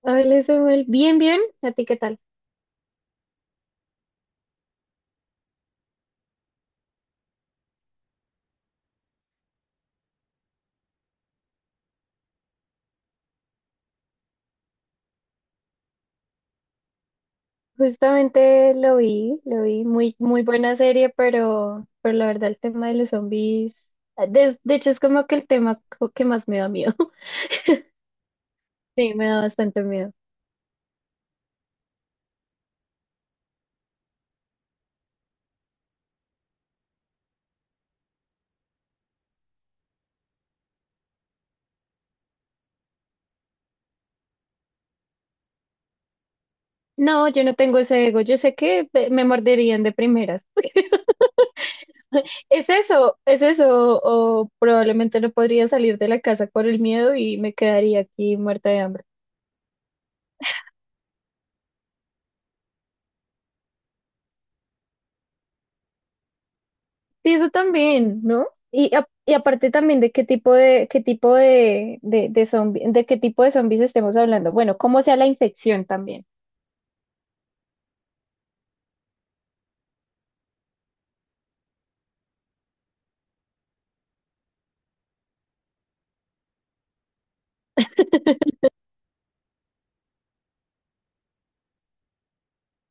Hola Samuel, bien, bien, ¿a ti qué tal? Justamente lo vi, muy buena serie, pero la verdad el tema de los zombies, ah, de hecho es como que el que más me da miedo, sí, me da bastante miedo. No, yo no tengo ese ego, yo sé que me morderían de primeras. Es eso, o probablemente no podría salir de la casa por el miedo y me quedaría aquí muerta de hambre. Sí, eso también, ¿no? Y, y aparte también de qué tipo de, de de qué tipo de zombies estemos hablando. Bueno, cómo sea la infección también.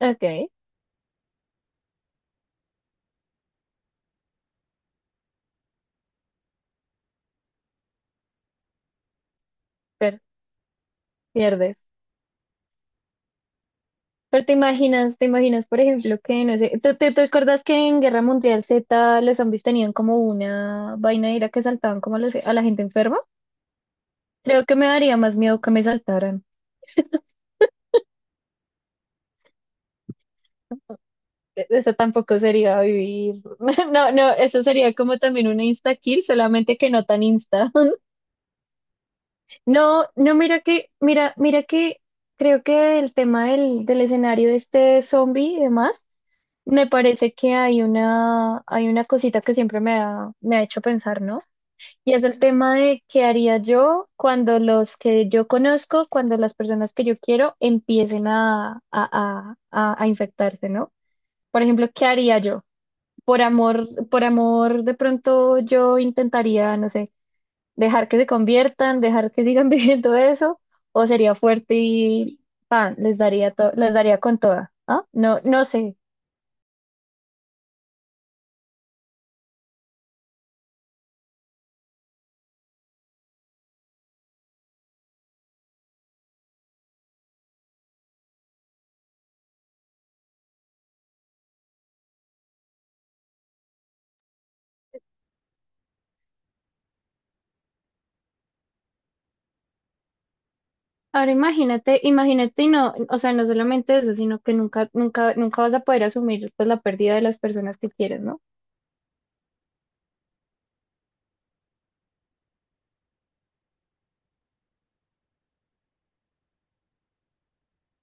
Ok, pero pierdes. Pero te imaginas, por ejemplo, que no sé, ¿te, te acuerdas que en Guerra Mundial Z los zombies tenían como una vaina de ira que saltaban como a la gente enferma? Creo que me daría más miedo que me saltaran. Eso tampoco sería vivir. No, no, eso sería como también una insta-kill, solamente que no tan insta. No, no, mira que, mira, mira que creo que el tema del escenario de este zombie y demás, me parece que hay una cosita que siempre me ha hecho pensar, ¿no? Y es el tema de qué haría yo cuando los que yo conozco, cuando las personas que yo quiero empiecen a infectarse, ¿no? Por ejemplo, ¿qué haría yo? Por amor, de pronto yo intentaría, no sé, dejar que se conviertan, dejar que sigan viviendo eso, o sería fuerte y pan, les daría con toda, ¿ah? No, no sé. Ahora imagínate, imagínate y no, o sea, no solamente eso, sino que nunca, nunca, nunca vas a poder asumir pues la pérdida de las personas que quieres, ¿no?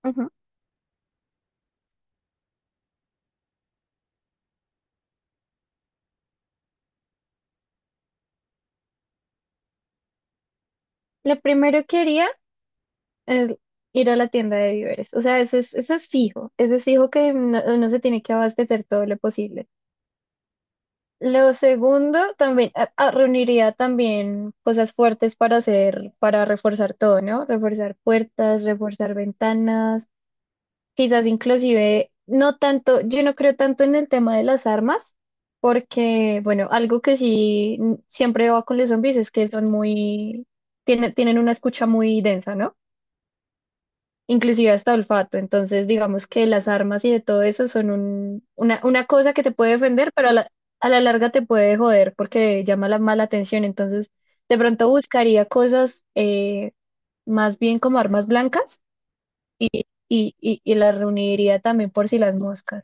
Ujú. Lo primero que haría es ir a la tienda de víveres. O sea, eso es fijo que no, uno se tiene que abastecer todo lo posible. Lo segundo, también reuniría también cosas fuertes para hacer, para reforzar todo, ¿no? Reforzar puertas, reforzar ventanas, quizás inclusive, no tanto, yo no creo tanto en el tema de las armas, porque, bueno, algo que sí siempre va con los zombies es que son muy, tienen, tienen una escucha muy densa, ¿no? Inclusive hasta olfato. Entonces, digamos que las armas y de todo eso son una cosa que te puede defender, pero a la larga te puede joder porque llama la mala atención. Entonces, de pronto buscaría cosas más bien como armas blancas y, y las reuniría también por si las moscas.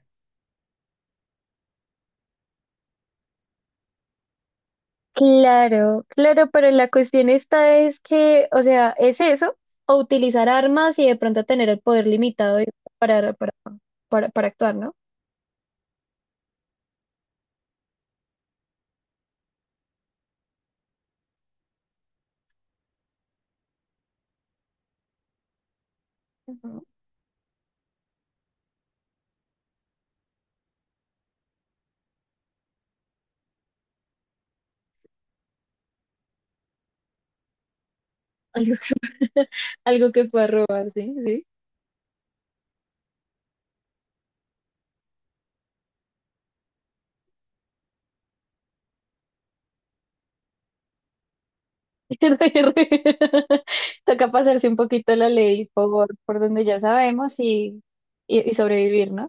Claro, claro, pero la cuestión esta es que, o sea, es eso, o utilizar armas y de pronto tener el poder limitado y- para, para, para actuar, ¿no? Algo que pueda robar, sí, sí. Toca pasarse un poquito la ley por donde ya sabemos y sobrevivir, ¿no?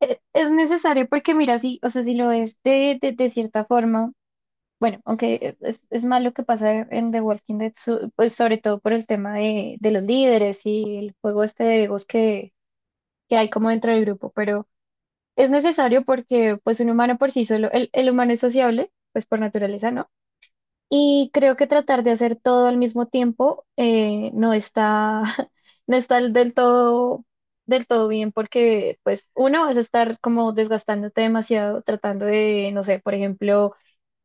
Es necesario porque mira, sí, o sea, si lo es de cierta forma, bueno, aunque es malo que pasa en The Walking Dead, pues sobre todo por el tema de los líderes y el juego este de egos que hay como dentro del grupo, pero es necesario porque pues un humano por sí solo, el humano es sociable, pues por naturaleza, ¿no? Y creo que tratar de hacer todo al mismo tiempo no está, no está del todo bien porque, pues, uno, vas a estar como desgastándote demasiado tratando de, no sé, por ejemplo,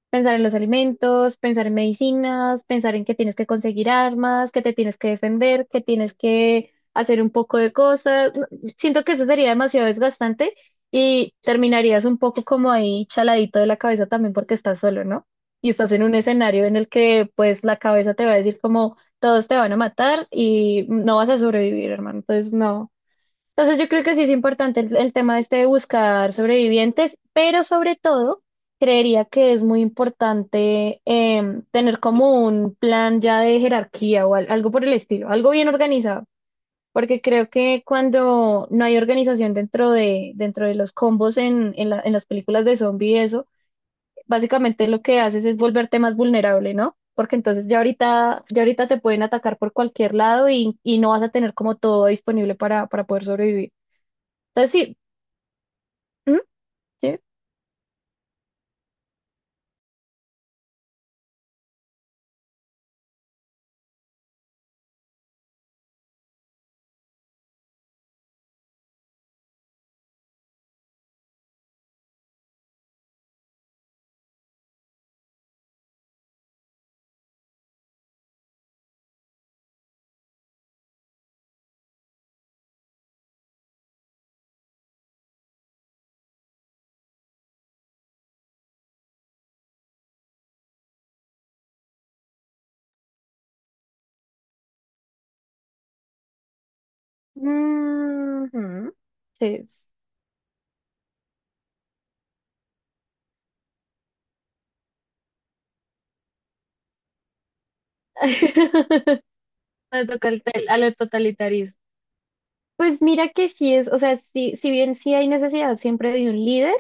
pensar en los alimentos, pensar en medicinas, pensar en que tienes que conseguir armas, que te tienes que defender, que tienes que hacer un poco de cosas. No, siento que eso sería demasiado desgastante y terminarías un poco como ahí chaladito de la cabeza también porque estás solo, ¿no? Y estás en un escenario en el que pues la cabeza te va a decir como todos te van a matar y no vas a sobrevivir, hermano. Entonces no. Entonces yo creo que sí es importante el tema este de buscar sobrevivientes, pero sobre todo creería que es muy importante em, tener como un plan ya de jerarquía o algo por el estilo, algo bien organizado, porque creo que cuando no hay organización dentro de los combos en en las películas de zombie y eso, básicamente lo que haces es volverte más vulnerable, ¿no? Porque entonces ya ahorita te pueden atacar por cualquier lado y no vas a tener como todo disponible para poder sobrevivir. Entonces, sí, ¿mm? ¿Sí? Ujú. Sí. Me toca el tel- al total- a lo totalitarismo. Pues mira que sí es, o sea, sí, si bien sí hay necesidad siempre de un líder,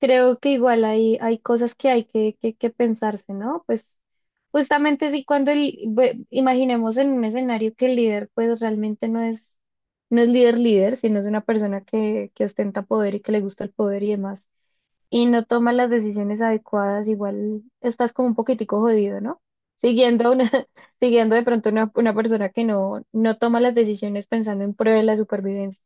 creo que igual hay, hay cosas que hay que pensarse, ¿no? Pues justamente sí, cuando el, imaginemos en un escenario que el líder pues realmente no es, no es líder líder, sino es una persona que ostenta poder y que le gusta el poder y demás. Y no tomas las decisiones adecuadas, igual estás como un poquitico jodido, ¿no? Siguiendo una, siguiendo de pronto una persona que no, no toma las decisiones pensando en pro de la supervivencia.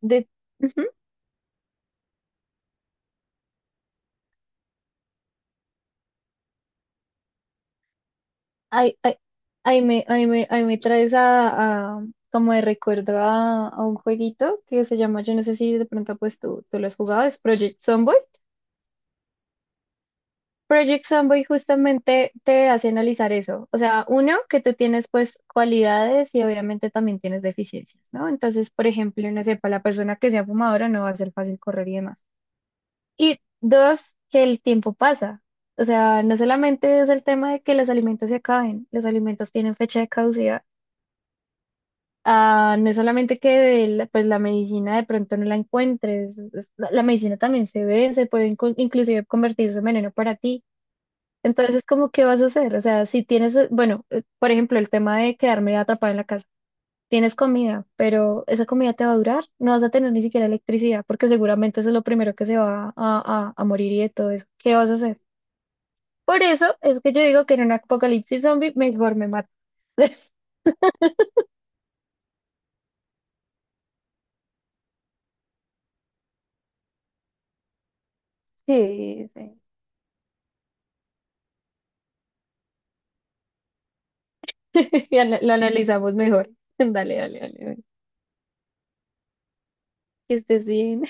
De, ujú. Ay, ay, ay, me, ay, me, ay, me traes como de recuerdo a un jueguito que se llama, yo no sé si de pronto pues tú lo has jugado, es Project Zomboid. Project Zomboid justamente te hace analizar eso. O sea, uno, que tú tienes pues cualidades y obviamente también tienes deficiencias, ¿no? Entonces, por ejemplo, no sé, para la persona que sea fumadora no va a ser fácil correr y demás. Y dos, que el tiempo pasa. O sea, no solamente es el tema de que los alimentos se acaben, los alimentos tienen fecha de caducidad. Ah, no es solamente que pues la medicina de pronto no la encuentres, la, la medicina también se ve, se puede inclusive convertirse en veneno para ti. Entonces, como, ¿qué vas a hacer? O sea, si tienes, bueno, por ejemplo, el tema de quedarme atrapada en la casa. Tienes comida, pero esa comida te va a durar. No vas a tener ni siquiera electricidad, porque seguramente eso es lo primero que se va a morir y de todo eso. ¿Qué vas a hacer? Por eso es que yo digo que en un apocalipsis zombie mejor me mato. Sí, sí. Y lo analizamos mejor. Dale, dale, dale, dale. Que estés bien.